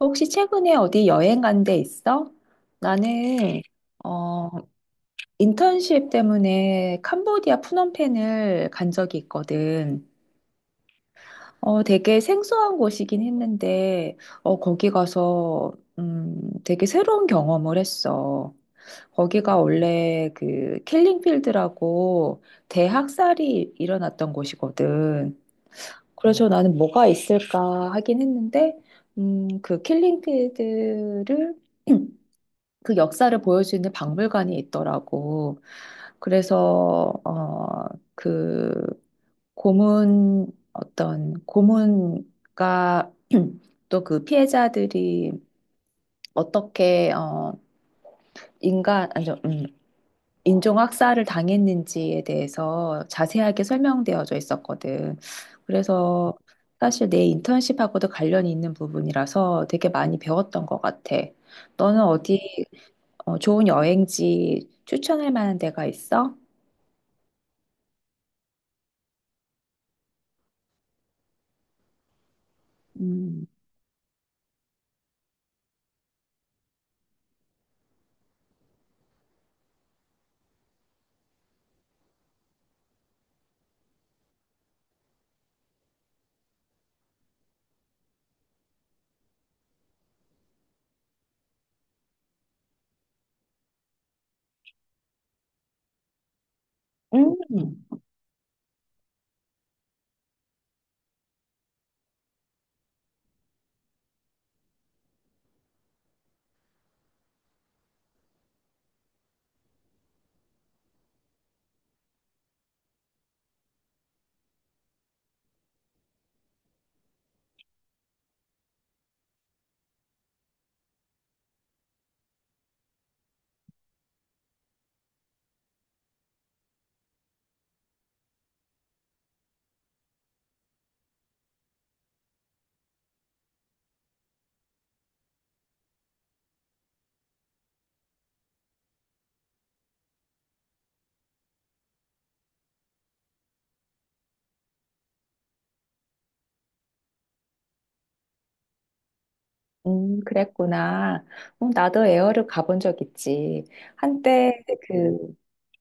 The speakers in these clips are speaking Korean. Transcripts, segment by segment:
혹시 최근에 어디 여행 간 데 있어? 나는 어, 인턴십 때문에 캄보디아 푸놈펜을 간 적이 있거든. 되게 생소한 곳이긴 했는데 거기 가서 되게 새로운 경험을 했어. 거기가 원래 그 킬링필드라고 대학살이 일어났던 곳이거든. 그래서 나는 뭐가 있을까 하긴 했는데 그 킬링필드를 그 역사를 보여주는 박물관이 있더라고. 그래서 어, 그 고문 어떤 고문과 또 그 피해자들이 어떻게 인간 아니죠. 인종 학살을 당했는지에 대해서 자세하게 설명되어져 있었거든. 그래서 사실 내 인턴십하고도 관련이 있는 부분이라서 되게 많이 배웠던 것 같아. 너는 어디 좋은 여행지 추천할 만한 데가 있어? 음, 음, 그랬구나. 나도 에어를 가본 적 있지. 한때 그,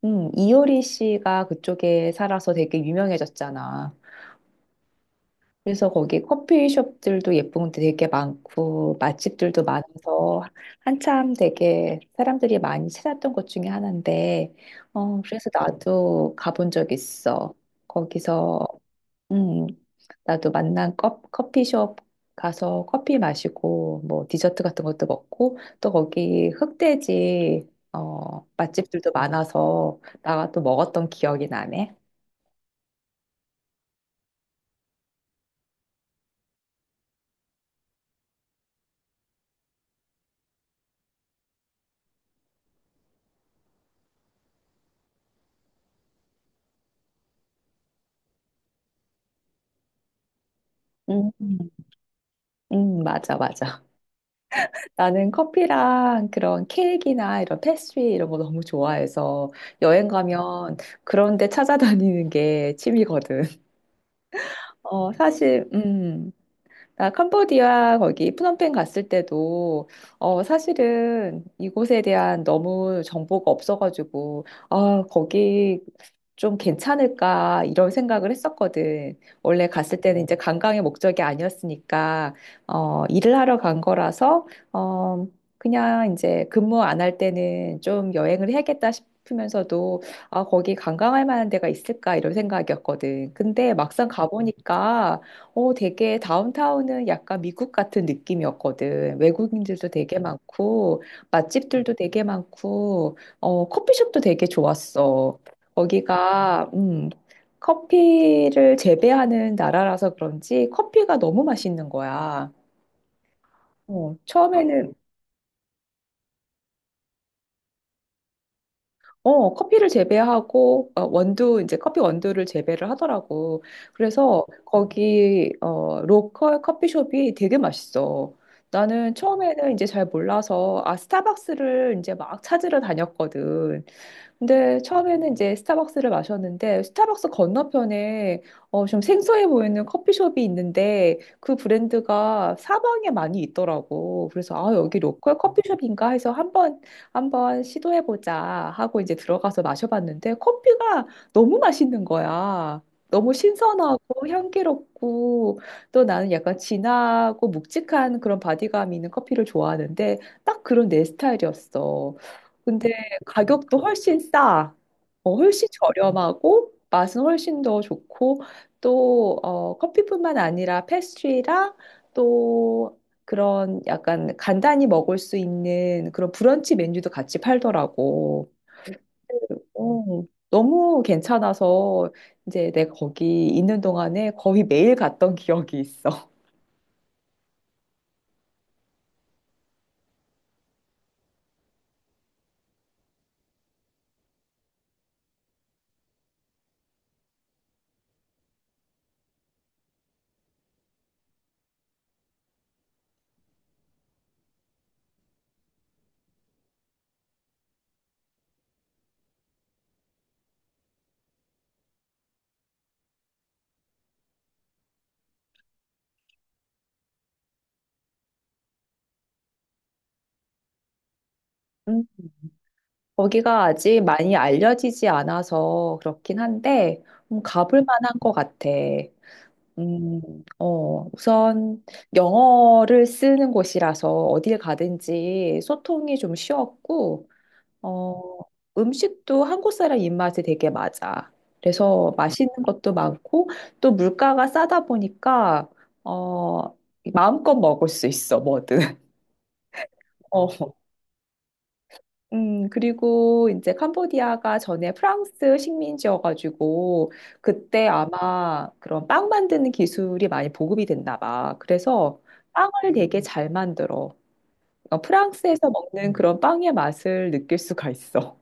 이효리 씨가 그쪽에 살아서 되게 유명해졌잖아. 그래서 거기 커피숍들도 예쁜 곳도 되게 많고, 맛집들도 많아서 한참 되게 사람들이 많이 찾았던 곳 중에 하나인데, 그래서 나도 가본 적 있어. 거기서 음, 나도 만난 커피숍 가서 커피 마시고, 뭐, 디저트 같은 것도 먹고, 또 거기 흑돼지, 맛집들도 많아서, 나가 또 먹었던 기억이 나네. 음, 맞아, 맞아. 나는 커피랑 그런 케이크나 이런 패스트리 이런 거 너무 좋아해서, 여행 가면 그런 데 찾아다니는 게 취미거든. 사실, 나 캄보디아 거기 프놈펜 갔을 때도 사실은 이곳에 대한 너무 정보가 없어가지고 거기 좀 괜찮을까 이런 생각을 했었거든. 원래 갔을 때는 이제 관광의 목적이 아니었으니까 일을 하러 간 거라서 어 그냥 이제 근무 안 할 때는 좀 여행을 해야겠다 싶으면서도 거기 관광할 만한 데가 있을까 이런 생각이었거든. 근데 막상 가보니까 되게 다운타운은 약간 미국 같은 느낌이었거든. 외국인들도 되게 많고, 맛집들도 되게 많고, 커피숍도 되게 좋았어. 거기가, 커피를 재배하는 나라라서 그런지 커피가 너무 맛있는 거야. 어, 처음에는, 커피를 재배하고, 이제 커피 원두를 재배를 하더라고. 그래서 거기, 로컬 커피숍이 되게 맛있어. 나는 처음에는 이제 잘 몰라서, 스타벅스를 이제 막 찾으러 다녔거든. 근데 처음에는 이제 스타벅스를 마셨는데 스타벅스 건너편에 좀 생소해 보이는 커피숍이 있는데 그 브랜드가 사방에 많이 있더라고. 그래서 여기 로컬 커피숍인가 해서 한번 시도해 보자 하고 이제 들어가서 마셔봤는데 커피가 너무 맛있는 거야. 너무 신선하고 향기롭고 또 나는 약간 진하고 묵직한 그런 바디감 있는 커피를 좋아하는데 딱 그런 내 스타일이었어. 가격도 훨씬 싸, 훨씬 저렴하고 맛은 훨씬 더 좋고 또 커피뿐만 아니라 패스트리랑 또 그런 약간 간단히 먹을 수 있는 그런 브런치 메뉴도 같이 팔더라고. 어, 너무 괜찮아서 이제 내가 거기 있는 동안에 거의 매일 갔던 기억이 있어. 음, 거기가 아직 많이 알려지지 않아서 그렇긴 한데 가볼 만한 것 같아. 음, 우선 영어를 쓰는 곳이라서 어딜 가든지 소통이 좀 쉬웠고, 어, 음식도 한국 사람 입맛에 되게 맞아. 그래서 맛있는 것도 많고, 또 물가가 싸다 보니까, 어, 마음껏 먹을 수 있어, 뭐든. 그리고 이제 캄보디아가 전에 프랑스 식민지여가지고 그때 아마 그런 빵 만드는 기술이 많이 보급이 됐나 봐. 그래서 빵을 되게 잘 만들어. 프랑스에서 먹는 그런 빵의 맛을 느낄 수가 있어.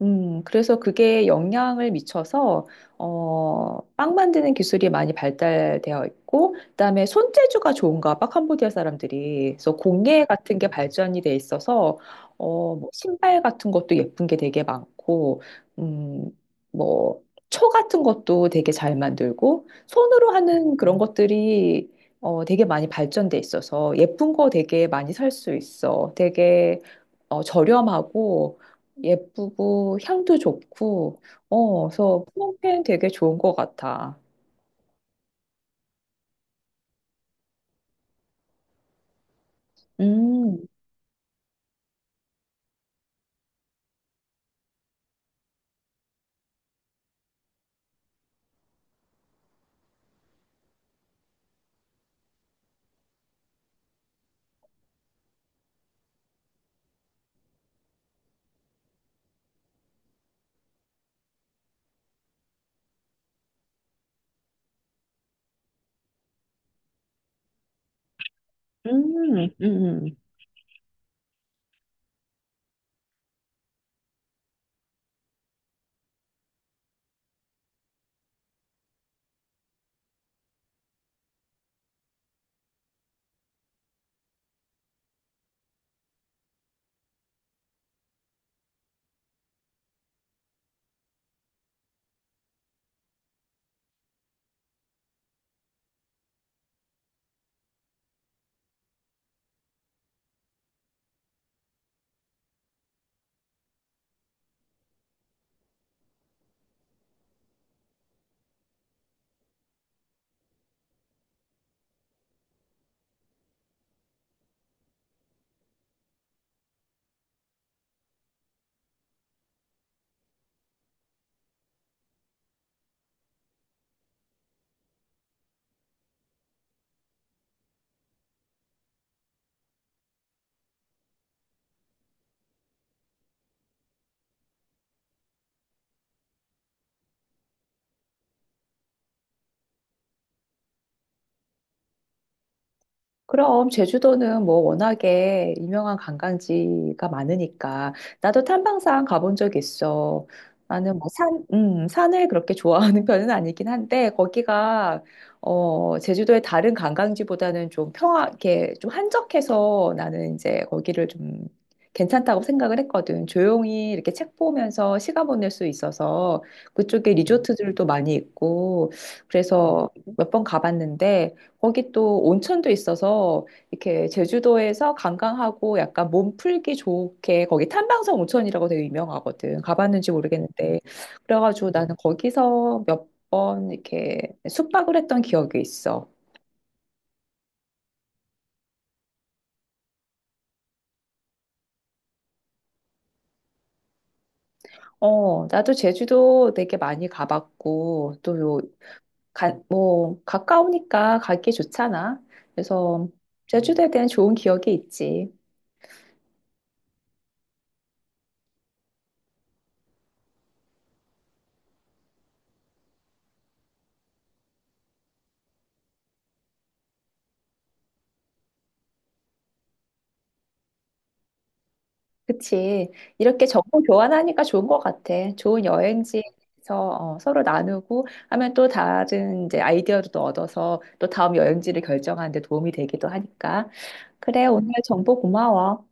그래서 그게 영향을 미쳐서, 빵 만드는 기술이 많이 발달되어 있고, 그다음에 손재주가 좋은가 봐, 캄보디아 사람들이. 그래서 공예 같은 게 발전이 돼 있어서, 뭐 신발 같은 것도 예쁜 게 되게 많고, 음, 뭐, 초 같은 것도 되게 잘 만들고, 손으로 하는 그런 것들이, 되게 많이 발전돼 있어서, 예쁜 거 되게 많이 살 수 있어. 되게, 저렴하고, 예쁘고 향도 좋고 그래서 프롱팬 되게 좋은 것 같아. 음, 음, 음. 그럼 제주도는 뭐 워낙에 유명한 관광지가 많으니까 나도 탐방상 가본 적 있어. 나는 뭐 산을 그렇게 좋아하는 편은 아니긴 한데 거기가 제주도의 다른 관광지보다는 좀 이렇게 좀 한적해서 나는 이제 거기를 좀 괜찮다고 생각을 했거든. 조용히 이렇게 책 보면서 시간 보낼 수 있어서 그쪽에 리조트들도 많이 있고 그래서 몇 번 가봤는데 거기 또 온천도 있어서 이렇게 제주도에서 관광하고 약간 몸 풀기 좋게 거기 탐방성 온천이라고 되게 유명하거든. 가봤는지 모르겠는데. 그래가지고 나는 거기서 몇 번 이렇게 숙박을 했던 기억이 있어. 나도 제주도 되게 많이 가봤고 또 뭐 가까우니까 가기 좋잖아. 그래서 제주도에 대한 좋은 기억이 있지. 그치. 이렇게 정보 교환하니까 좋은 것 같아. 좋은 여행지에서 서로 나누고 하면 또 다른 이제 아이디어도 또 얻어서 또 다음 여행지를 결정하는 데 도움이 되기도 하니까. 그래, 오늘 정보 고마워.